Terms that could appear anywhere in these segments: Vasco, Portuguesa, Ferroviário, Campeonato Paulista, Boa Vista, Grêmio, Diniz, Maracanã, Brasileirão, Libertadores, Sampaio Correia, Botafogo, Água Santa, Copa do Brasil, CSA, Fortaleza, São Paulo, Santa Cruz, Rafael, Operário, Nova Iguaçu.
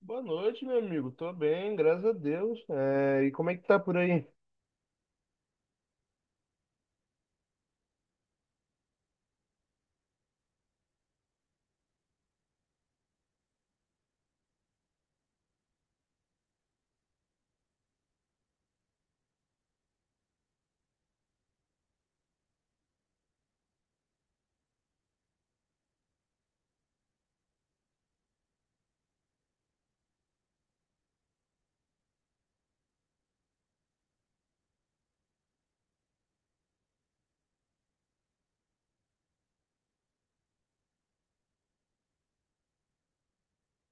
Boa noite, meu amigo. Tô bem, graças a Deus. É, e como é que tá por aí?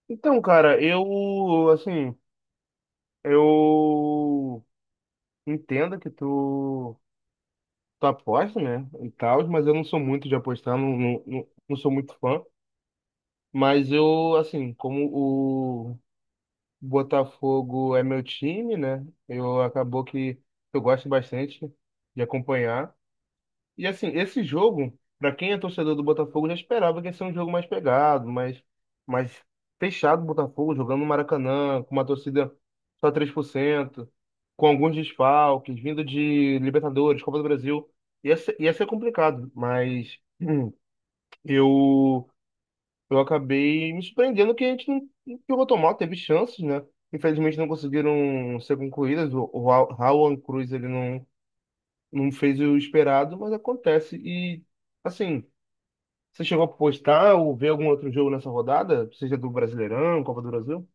Então, cara, eu, assim, eu entendo que tu aposta, né, e tal, mas eu não sou muito de apostar, não, não não sou muito fã. Mas eu, assim, como o Botafogo é meu time, né, eu acabou que eu gosto bastante de acompanhar. E assim, esse jogo, para quem é torcedor do Botafogo, já esperava que ia ser um jogo mais pegado, mais fechado, o Botafogo jogando no Maracanã, com uma torcida só 3%, com alguns desfalques, vindo de Libertadores, Copa do Brasil. Ia ser complicado, mas eu, eu acabei me surpreendendo que a gente não, que o Rotomal teve chances, né? Infelizmente não conseguiram ser concluídas. O Raul Cruz, ele não fez o esperado, mas acontece. E, assim, você chegou a postar ou ver algum outro jogo nessa rodada? Seja do Brasileirão, Copa do Brasil?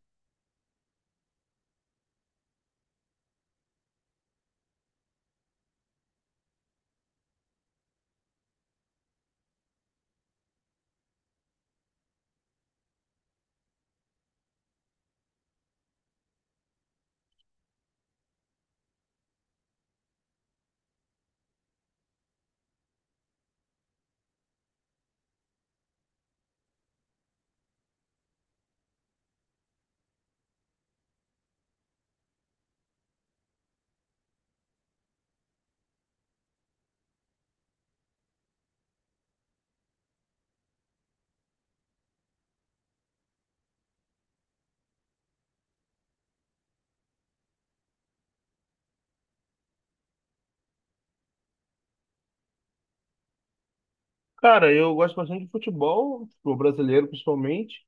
Cara, eu gosto bastante de futebol, o brasileiro principalmente.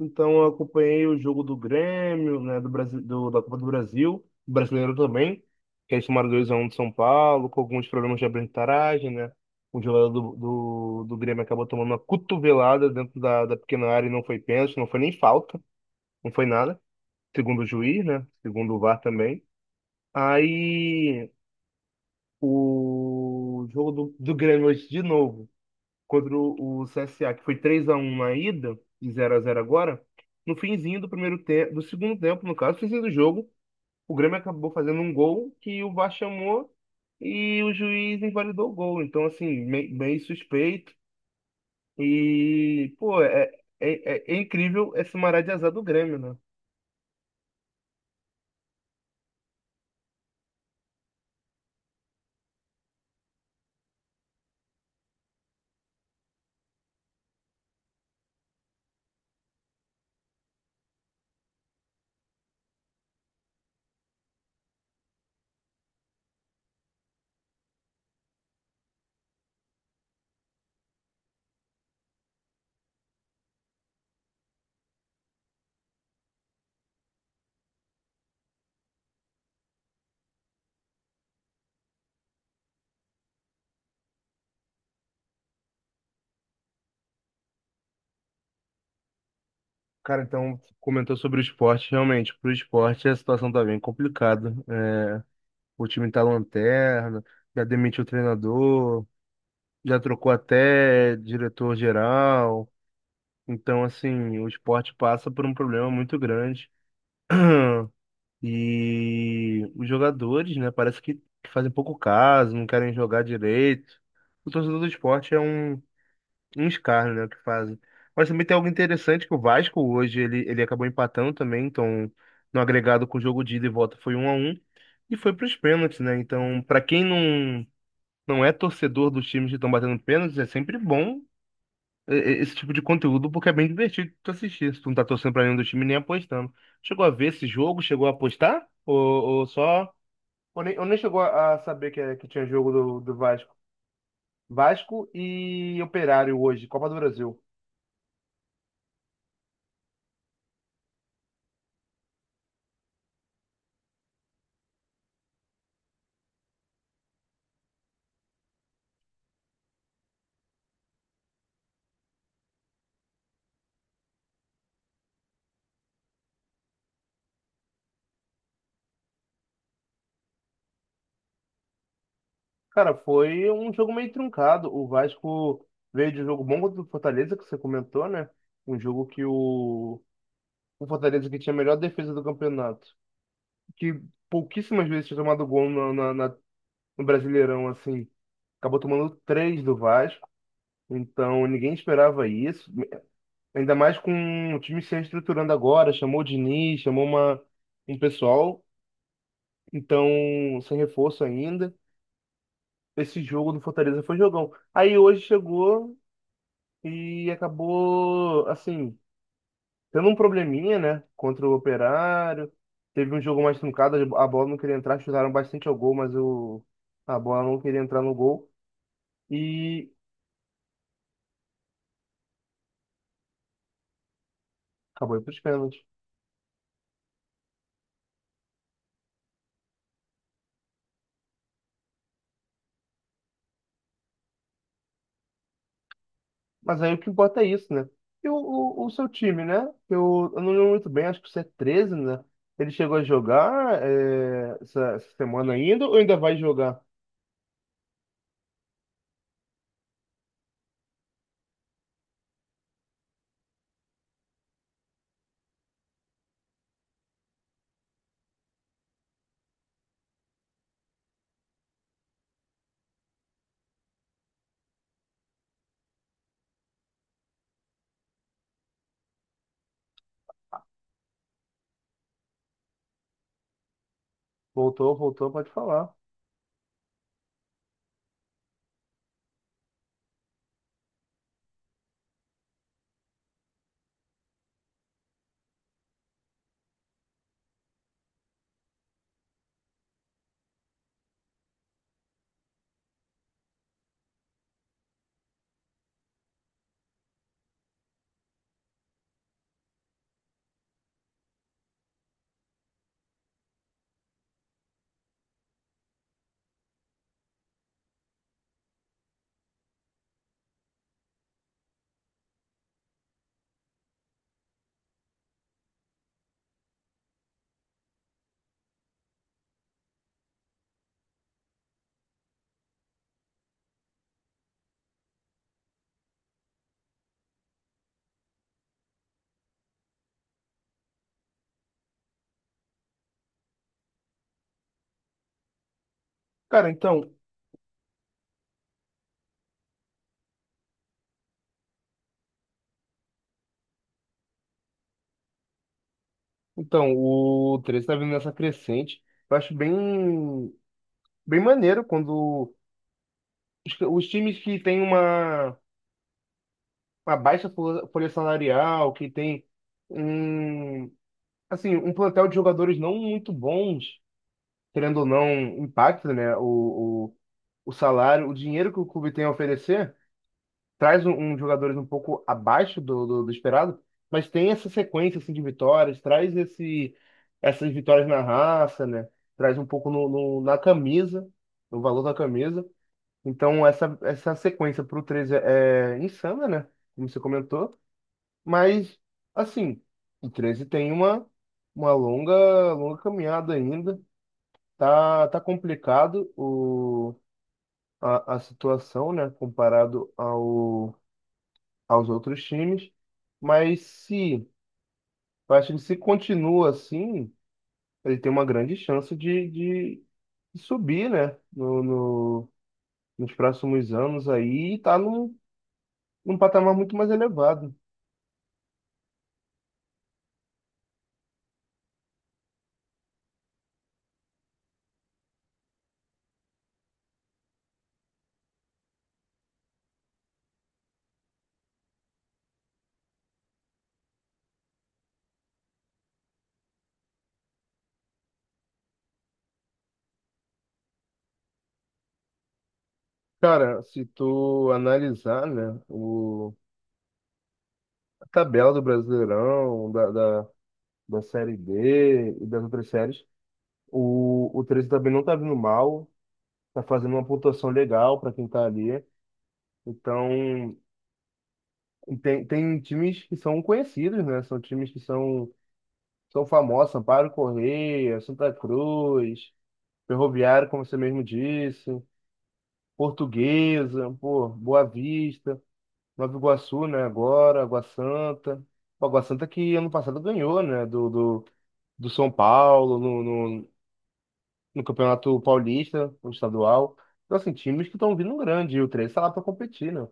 Então, eu acompanhei o jogo do Grêmio, né, do Brasil, da Copa do Brasil, brasileiro também, que eles tomaram 2-1 de São Paulo, com alguns problemas de arbitragem, né? O jogador do Grêmio acabou tomando uma cotovelada dentro da pequena área e não foi pênalti, não foi nem falta, não foi nada, segundo o juiz, né? Segundo o VAR também. Aí o jogo do Grêmio hoje de novo contra o CSA, que foi 3-1 na ida e 0-0 agora, no finzinho do primeiro tempo, do segundo tempo, no caso, finzinho do jogo, o Grêmio acabou fazendo um gol que o VAR chamou e o juiz invalidou o gol. Então, assim, meio suspeito. E, pô, é, é incrível esse maré de azar do Grêmio, né? Cara, então, comentou sobre o esporte. Realmente, pro esporte a situação tá bem complicada. É, o time tá lanterna, já demitiu o treinador, já trocou até diretor-geral. Então, assim, o esporte passa por um problema muito grande. E os jogadores, né, parece que fazem pouco caso, não querem jogar direito. O torcedor do esporte é uns caras, né, que fazem. Mas também tem algo interessante que o Vasco hoje ele acabou empatando também, então no agregado com o jogo de ida e volta foi 1-1 e foi para os pênaltis, né? Então, para quem não é torcedor dos times que estão batendo pênaltis, é sempre bom esse tipo de conteúdo porque é bem divertido tu assistir, se tu não tá torcendo para nenhum dos times nem apostando. Chegou a ver esse jogo? Chegou a apostar? Ou só, ou nem chegou a saber que, que tinha jogo do, do Vasco? Vasco e Operário hoje, Copa do Brasil. Cara, foi um jogo meio truncado. O Vasco veio de um jogo bom contra o Fortaleza, que você comentou, né? Um jogo que o Fortaleza, que tinha a melhor defesa do campeonato, que pouquíssimas vezes tinha tomado gol no Brasileirão, assim, acabou tomando três do Vasco. Então ninguém esperava isso. Ainda mais com o time se reestruturando agora, chamou o Diniz, chamou um pessoal, então sem reforço ainda. Esse jogo do Fortaleza foi jogão. Aí hoje chegou e acabou, assim, tendo um probleminha, né, contra o Operário. Teve um jogo mais truncado, a bola não queria entrar, chutaram bastante ao gol, mas o, a bola não queria entrar no gol e acabou indo para os pênaltis. Mas aí o que importa é isso, né? E o seu time, né? Eu não lembro muito bem, acho que o c 13, né? Ele chegou a jogar, é, essa semana ainda ou ainda vai jogar? Voltou, voltou, pode falar. Cara, então, então, o 13 está vindo nessa crescente. Eu acho bem, bem maneiro quando os times que têm uma baixa folha salarial, que tem um, assim, um plantel de jogadores não muito bons, querendo ou não, impacta, né, o salário, o dinheiro que o clube tem a oferecer, traz um jogadores um pouco abaixo do esperado, mas tem essa sequência assim, de vitórias, traz esse, essas vitórias na raça, né? Traz um pouco no, na camisa, no valor da camisa. Então essa sequência para o 13 é insana, né? Como você comentou, mas assim, o 13 tem uma longa, longa caminhada ainda. Tá, tá complicado a situação, né? Comparado ao aos outros times, mas se eu acho que se continua assim, ele tem uma grande chance de subir, né? No, nos próximos anos aí e tá num patamar muito mais elevado. Cara, se tu analisar, né, a tabela do Brasileirão, da Série D e das outras séries, o 13 também não tá vindo mal, tá fazendo uma pontuação legal para quem tá ali. Então, tem times que são conhecidos, né? São times que são, famosos, Sampaio Correia, Santa Cruz, Ferroviário, como você mesmo disse, Portuguesa, pô, Boa Vista, Nova Iguaçu, né? Agora, Água Santa. Pô, Água Santa, que ano passado ganhou, né? Do São Paulo, no, no Campeonato Paulista, no estadual. Então, assim, times que estão vindo grande, e o 3 está lá para competir, né?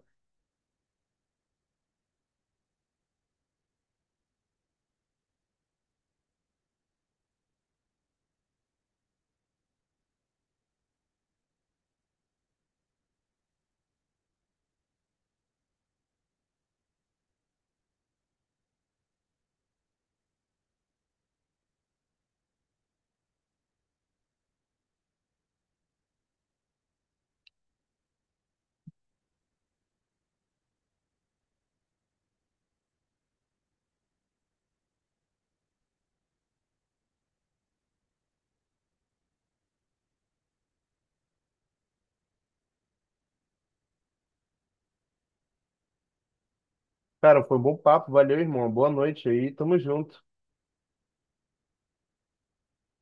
Cara, foi um bom papo, valeu, irmão. Boa noite aí, tamo junto.